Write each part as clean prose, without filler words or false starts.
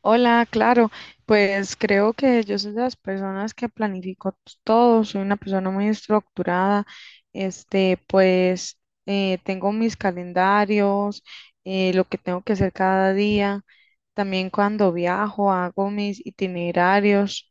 Hola, claro, pues creo que yo soy de las personas que planifico todo, soy una persona muy estructurada, este, pues tengo mis calendarios, lo que tengo que hacer cada día, también cuando viajo hago mis itinerarios,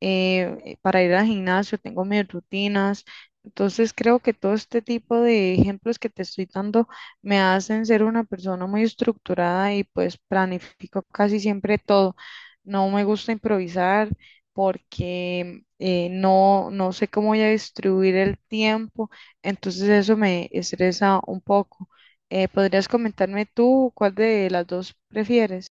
para ir al gimnasio tengo mis rutinas, entonces creo que todo este tipo de ejemplos que te estoy dando me hacen ser una persona muy estructurada y pues planifico casi siempre todo. No me gusta improvisar porque no sé cómo voy a distribuir el tiempo, entonces eso me estresa un poco. ¿Podrías comentarme tú cuál de las dos prefieres?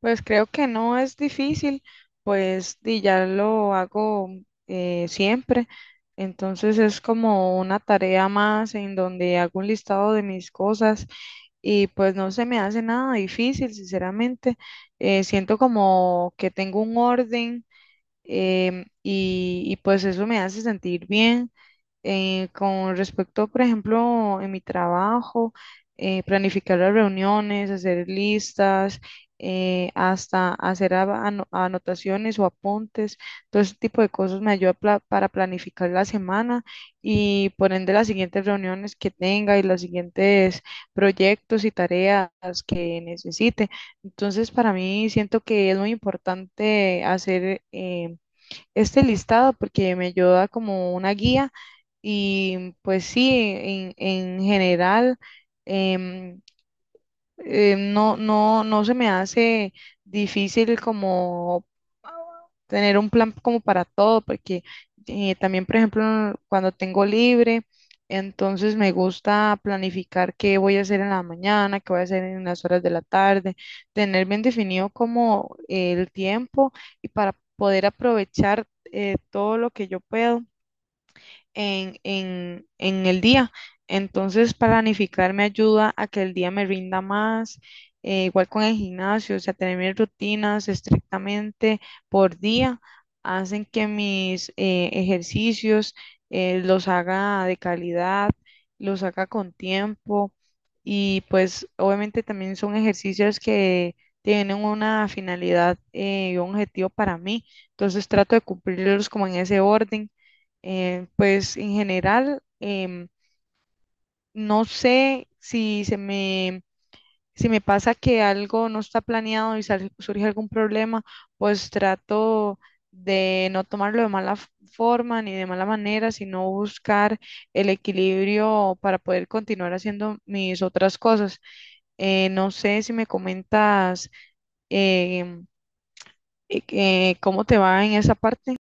Pues creo que no es difícil, pues y ya lo hago siempre. Entonces es como una tarea más en donde hago un listado de mis cosas y pues no se me hace nada difícil, sinceramente. Siento como que tengo un orden y pues eso me hace sentir bien. Con respecto, por ejemplo, en mi trabajo, planificar las reuniones, hacer listas, hasta hacer anotaciones o apuntes, todo ese tipo de cosas me ayuda para planificar la semana y por ende las siguientes reuniones que tenga y los siguientes proyectos y tareas que necesite. Entonces, para mí siento que es muy importante hacer este listado porque me ayuda como una guía y pues sí, en general em, no se me hace difícil como tener un plan como para todo, porque también, por ejemplo, cuando tengo libre, entonces me gusta planificar qué voy a hacer en la mañana, qué voy a hacer en las horas de la tarde, tener bien definido como el tiempo y para poder aprovechar todo lo que yo puedo en el día. Entonces, planificar me ayuda a que el día me rinda más, igual con el gimnasio, o sea, tener mis rutinas estrictamente por día, hacen que mis ejercicios los haga de calidad, los haga con tiempo y pues obviamente también son ejercicios que tienen una finalidad y un objetivo para mí, entonces trato de cumplirlos como en ese orden pues en general, no sé si se me, si me pasa que algo no está planeado y surge algún problema, pues trato de no tomarlo de mala forma ni de mala manera, sino buscar el equilibrio para poder continuar haciendo mis otras cosas. No sé si me comentas em, cómo te va en esa parte.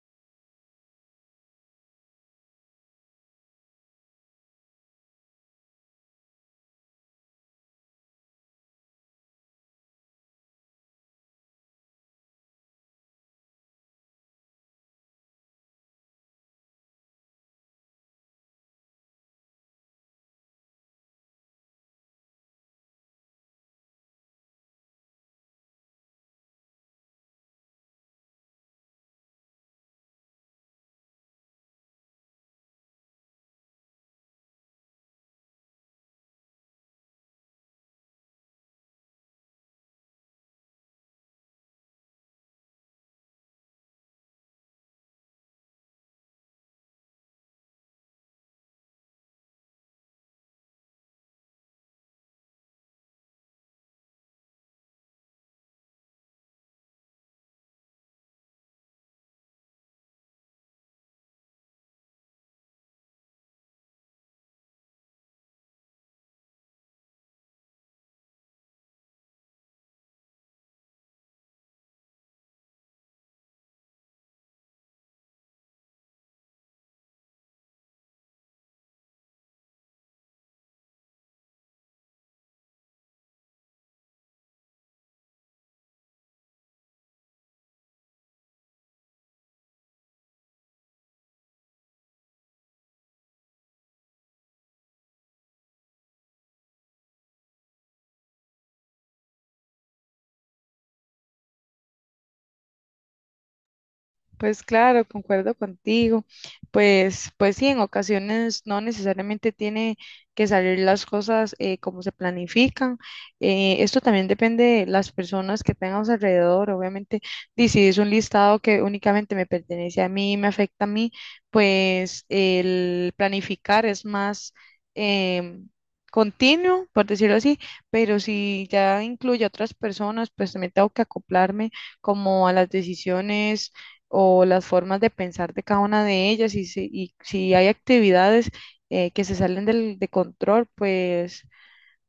Pues claro, concuerdo contigo. Pues sí, en ocasiones no necesariamente tiene que salir las cosas como se planifican. Esto también depende de las personas que tengamos alrededor. Obviamente, y si es un listado que únicamente me pertenece a mí, me afecta a mí, pues el planificar es más em, continuo, por decirlo así. Pero si ya incluye a otras personas, pues también tengo que acoplarme como a las decisiones o las formas de pensar de cada una de ellas y si hay actividades que se salen del, de control, pues,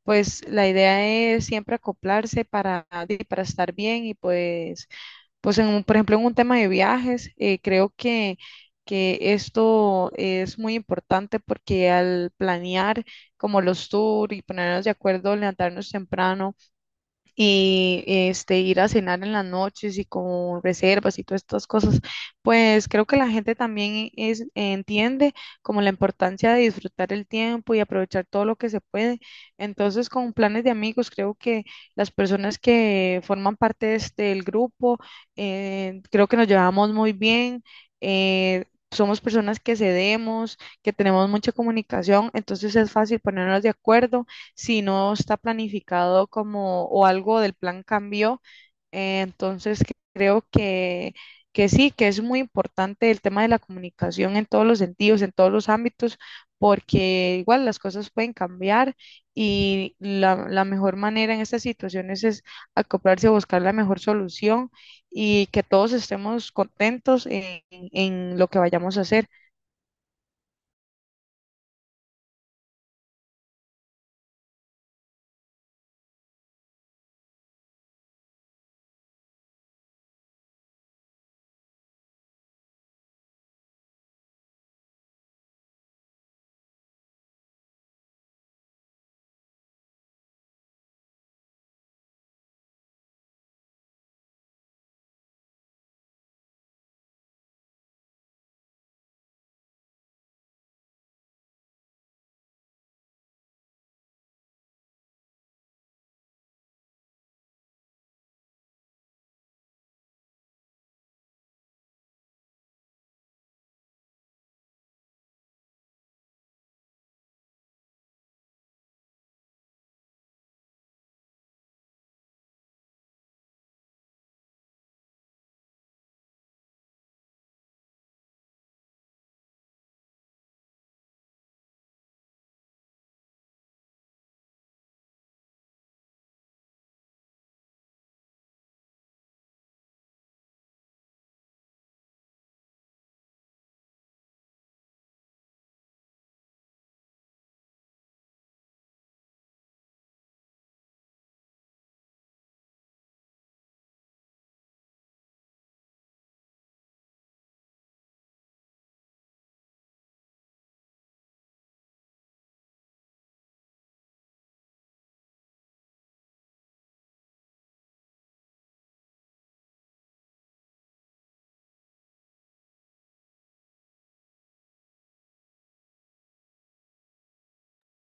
pues la idea es siempre acoplarse para, di, para estar bien y pues en por ejemplo en un tema de viajes, creo que esto es muy importante porque al planear como los tours y ponernos de acuerdo, levantarnos temprano, y este ir a cenar en las noches y con reservas y todas estas cosas, pues creo que la gente también es, entiende como la importancia de disfrutar el tiempo y aprovechar todo lo que se puede. Entonces, con planes de amigos, creo que las personas que forman parte de este, del grupo, creo que nos llevamos muy bien. eh, Somos personas que cedemos, que tenemos mucha comunicación, entonces es fácil ponernos de acuerdo si no está planificado como o algo del plan cambió. Entonces creo que sí, que es muy importante el tema de la comunicación en todos los sentidos, en todos los ámbitos, porque igual las cosas pueden cambiar y la mejor manera en estas situaciones es acoplarse a buscar la mejor solución y que todos estemos contentos en lo que vayamos a hacer.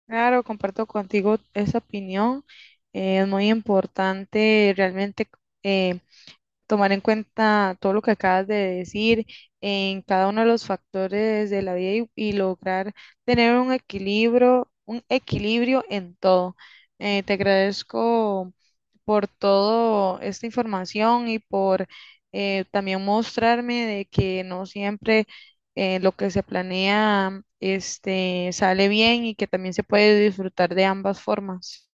Claro, comparto contigo esa opinión. Es muy importante realmente eh, tomar en cuenta todo lo que acabas de decir en cada uno de los factores de la vida y lograr tener un equilibrio en todo. Te agradezco por toda esta información y por también mostrarme de que no siempre lo que se planea este, sale bien y que también se puede disfrutar de ambas formas.